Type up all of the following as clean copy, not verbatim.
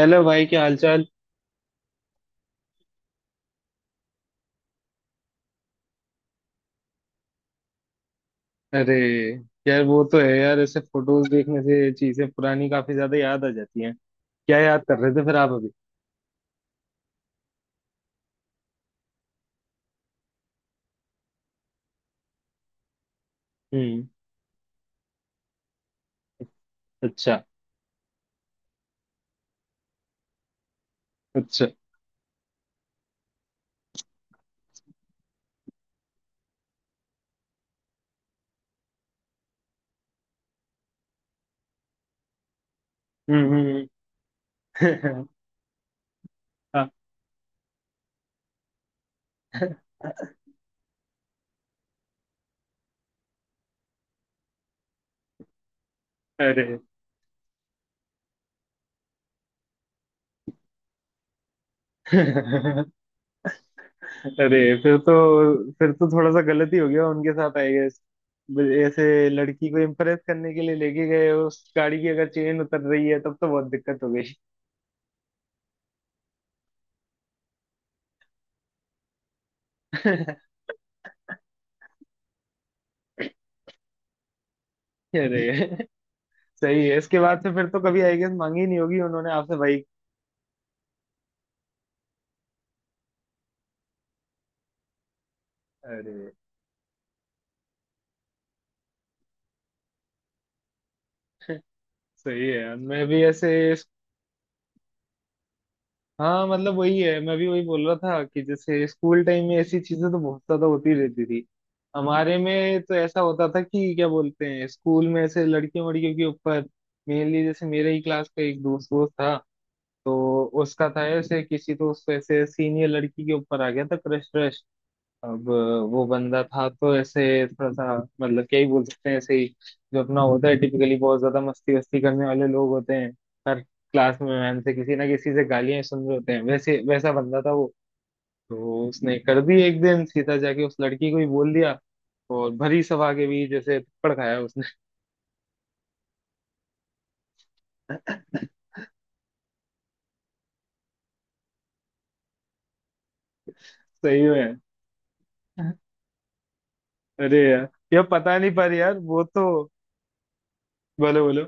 Hello भाई, क्या हालचाल। अरे यार, वो तो है यार, ऐसे फोटोज देखने से चीजें पुरानी काफी ज्यादा याद आ जाती हैं। क्या याद कर रहे थे फिर आप अभी? हम्म। अच्छा अच्छा। हम्म हम्म हम्म। हाँ। अरे। अरे, फिर तो थोड़ा सा गलत ही हो गया उनके साथ आई गेस। ऐसे लड़की को इम्प्रेस करने के लिए लेके गए, उस गाड़ी की अगर चेन उतर रही है तब तो बहुत दिक्कत हो गई। अरे सही है, इसके बाद से फिर तो कभी आई गेस मांगी नहीं होगी उन्होंने आपसे बाइक। अरे सही है यार, मैं भी ऐसे। हाँ मतलब वही है, मैं भी वही बोल रहा था कि जैसे स्कूल टाइम में ऐसी चीजें तो बहुत ज्यादा होती रहती थी। हमारे में तो ऐसा होता था कि क्या बोलते हैं, स्कूल में ऐसे लड़कियों वड़कियों के ऊपर, मेनली। जैसे मेरे ही क्लास का एक दोस्त दोस्त था, तो उसका था ऐसे किसी, तो उससे ऐसे सीनियर लड़की के ऊपर आ गया था क्रश। अब वो बंदा था तो ऐसे थोड़ा सा मतलब क्या ही बोल सकते हैं, ऐसे ही जो अपना होता है टिपिकली, बहुत ज्यादा मस्ती वस्ती करने वाले लोग होते हैं, हर क्लास में मैम से किसी ना किसी से गालियां सुन रहे होते हैं, वैसे वैसा बंदा था वो। तो उसने कर दी एक दिन, सीधा जाके उस लड़की को ही बोल दिया, और भरी सभा के बीच जैसे थप्पड़ खाया उसने। सही में। अरे यार ये पता नहीं, पर यार वो तो, बोलो बोलो।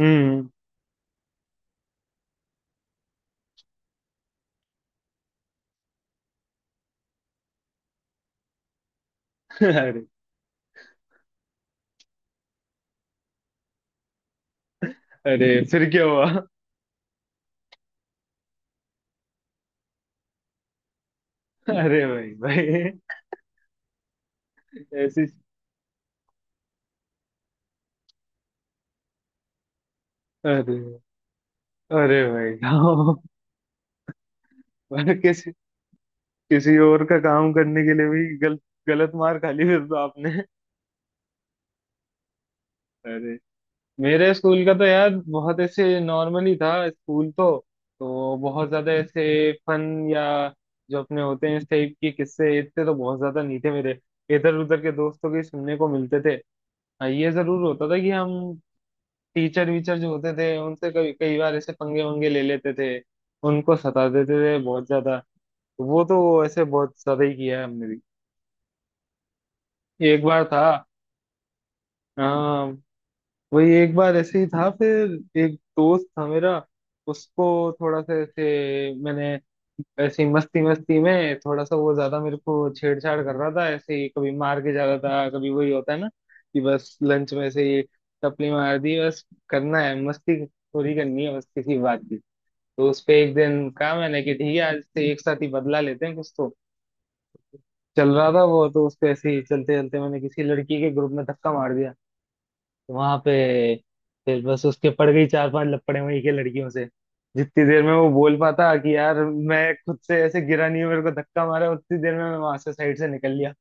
हम्म। अरे। अरे फिर क्या हुआ? अरे भाई भाई। ऐसी। अरे अरे भाई, साहब। अरे किसी, किसी और का काम करने के लिए भी गलत मार खा ली फिर तो आपने। अरे। मेरे स्कूल का तो यार बहुत ऐसे नॉर्मल ही था स्कूल तो बहुत ज्यादा ऐसे फन या जो अपने होते हैं इस टाइप के किस्से इतने तो बहुत ज्यादा नहीं थे मेरे, इधर उधर के दोस्तों के सुनने को मिलते थे। हाँ, ये जरूर होता था कि हम टीचर वीचर जो होते थे उनसे कई कई बार ऐसे पंगे वंगे ले लेते थे, उनको सता देते थे बहुत ज्यादा। वो तो ऐसे बहुत ज्यादा ही किया है हमने भी। एक बार था, आ, वही एक बार ऐसे ही था, फिर एक दोस्त था मेरा, उसको थोड़ा सा ऐसे मैंने, ऐसी मस्ती मस्ती में थोड़ा सा वो ज्यादा मेरे को छेड़छाड़ कर रहा था, ऐसे ही कभी मार के जा रहा था कभी, वही होता है ना कि बस लंच में ऐसे ही टपली मार दी, बस करना है मस्ती थोड़ी करनी है बस किसी बात की। तो उस पे एक दिन कहा मैंने कि ठीक है, आज से एक साथ ही बदला लेते हैं कुछ तो। चल रहा था वो तो, उसको ऐसे ही चलते चलते मैंने किसी लड़की के ग्रुप में धक्का मार दिया वहां पे। फिर बस उसके पड़ गई चार पांच लपड़े वहीं के लड़कियों से, जितनी देर में वो बोल पाता कि यार मैं खुद से ऐसे गिरा नहीं हूँ मेरे को धक्का मारा, उतनी देर में मैं वहां से साइड से निकल लिया।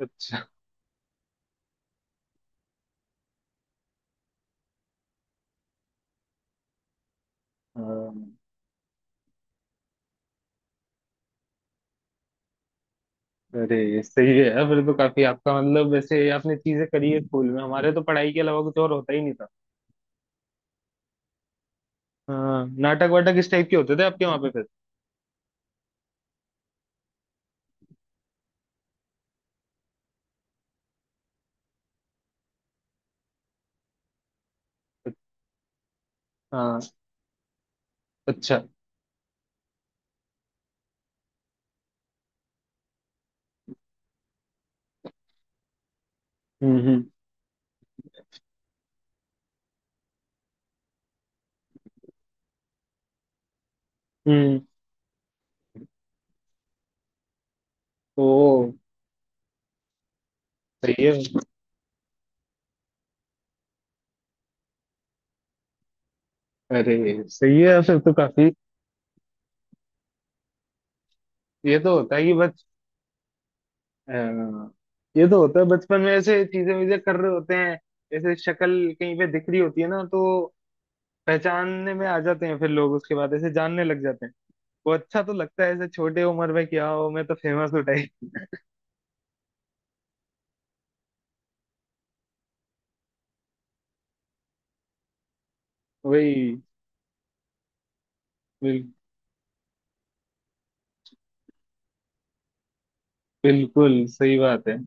अच्छा। हाँ। अरे सही है यार, फिर तो काफी आपका मतलब वैसे आपने चीजें करी है स्कूल में, हमारे तो पढ़ाई के अलावा कुछ और होता ही नहीं था। हाँ, नाटक वाटक किस टाइप के होते थे आपके वहां पे फिर? हाँ। अच्छा। हम्म। हम्म। हम्म। ओ। सही है। अरे सही है, फिर तो काफी ये तो होता है कि बच, अ, ये तो होता है, बचपन में ऐसे चीजें वीजें कर रहे होते हैं, ऐसे शक्ल कहीं पे दिख रही होती है ना, तो पहचानने में आ जाते हैं फिर लोग, उसके बाद ऐसे जानने लग जाते हैं। वो अच्छा तो लगता है ऐसे छोटे उम्र में क्या हो, मैं तो फेमस हो टाइप। वही। बिल, बिल्कुल सही बात है।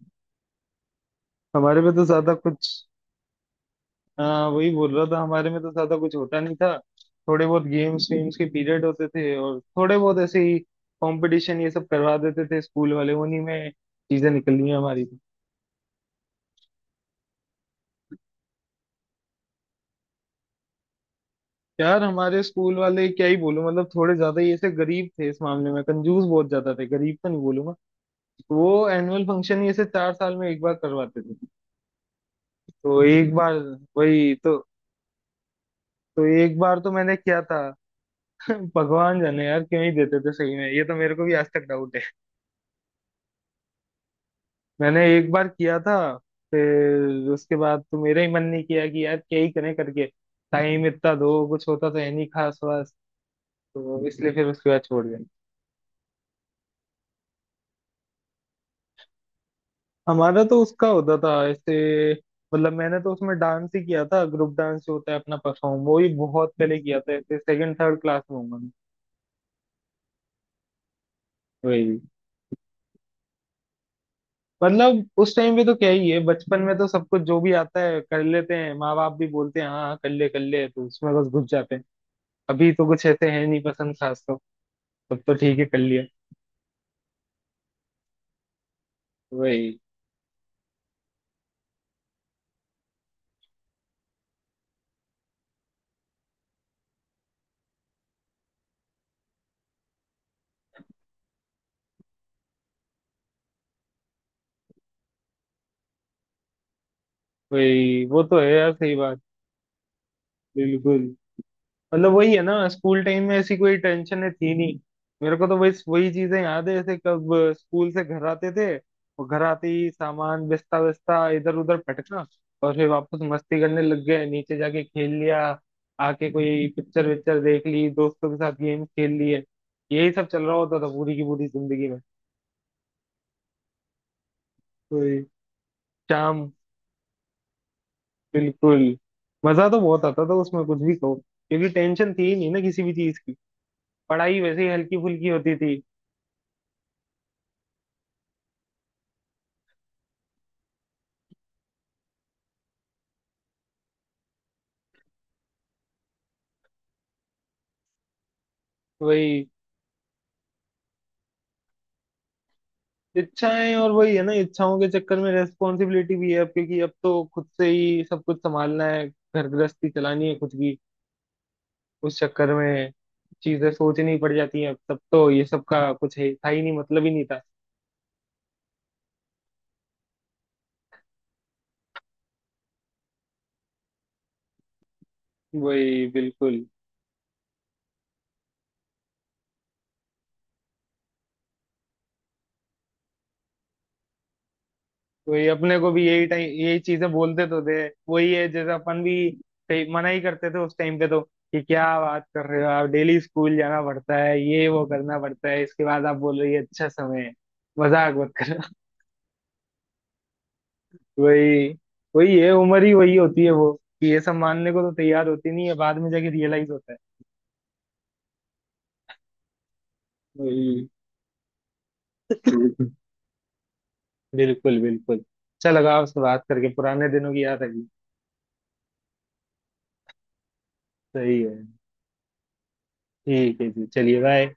हमारे में तो ज्यादा कुछ, हाँ वही बोल रहा था, हमारे में तो ज्यादा कुछ होता नहीं था। थोड़े बहुत गेम्स वेम्स के पीरियड होते थे और थोड़े बहुत ऐसे ही कंपटीशन ये सब करवा देते थे स्कूल वाले, उन्हीं में चीजें निकली हैं हमारी तो। यार हमारे स्कूल वाले क्या ही बोलूं, मतलब थोड़े ज्यादा ही ऐसे गरीब थे इस मामले में, कंजूस बहुत ज्यादा थे, गरीब तो नहीं बोलूंगा। वो एनुअल फंक्शन ही ऐसे चार साल में एक बार करवाते थे, तो एक बार। वही तो। तो एक बार तो मैंने किया था। भगवान जाने यार क्यों ही देते थे सही में, ये तो मेरे को भी आज तक डाउट। मैंने एक बार किया था, फिर उसके बाद तो मेरा ही मन नहीं किया कि यार क्या ही करें, करके टाइम इतना दो, कुछ होता तो है नहीं खास वास, तो इसलिए फिर उसके बाद छोड़ दिया। हमारा तो उसका होता था ऐसे, मतलब मैंने तो उसमें डांस ही किया था, ग्रुप डांस जो होता है अपना परफॉर्म, वो ही बहुत पहले किया था ऐसे सेकंड थर्ड क्लास में हूँ मैं। वही। मतलब उस टाइम पे तो क्या ही है, बचपन में तो सब कुछ जो भी आता है कर लेते हैं, माँ बाप भी बोलते हैं हाँ हाँ, कर ले कर ले, तो उसमें बस घुस जाते हैं। अभी तो कुछ ऐसे है नहीं पसंद खास तो। तब तो ठीक है, कर लिया। वही। वही वो तो है यार, सही बात। बिल्कुल। मतलब वही है ना, स्कूल टाइम में ऐसी कोई टेंशन थी नहीं। मेरे को तो वही वही चीजें याद है, जैसे कब स्कूल से घर आते थे और घर आते ही सामान बिस्ता बिस्ता इधर उधर पटकना, और फिर वापस मस्ती करने लग गए, नीचे जाके खेल लिया, आके कोई पिक्चर विक्चर देख ली, दोस्तों के साथ गेम खेल लिए। यही सब चल रहा होता था पूरी की पूरी जिंदगी में। वही। शाम। बिल्कुल। मजा तो बहुत आता था उसमें, कुछ भी कहो, क्योंकि टेंशन थी ही नहीं ना किसी भी चीज की, पढ़ाई वैसे ही हल्की फुल्की होती थी। वही। इच्छाएं, और वही है ना, इच्छाओं के चक्कर में रेस्पॉन्सिबिलिटी भी है अब, क्योंकि अब तो खुद से ही सब कुछ संभालना है, घर गृहस्थी चलानी है खुद की, उस चक्कर में चीजें सोचनी पड़ जाती हैं अब। तब तो ये सब का कुछ है था ही नहीं, मतलब ही नहीं था। वही। बिल्कुल। वही अपने को भी यही टाइम यही चीजें बोलते तो थे। वही है, जैसे अपन भी कई- मना ही करते थे उस टाइम पे तो, कि क्या बात कर रहे हो आप, डेली स्कूल जाना पड़ता है, ये वो करना पड़ता है, इसके बाद आप बोल रही है अच्छा समय है, मजाक मत करो। वही। वही है, उम्र ही वही होती है वो, कि ये सब मानने को तो तैयार होती नहीं है, बाद में जाके रियलाइज होता है। वही। बिल्कुल बिल्कुल, अच्छा लगा आपसे बात करके, पुराने दिनों की याद आई। सही है। ठीक है जी, चलिए बाय।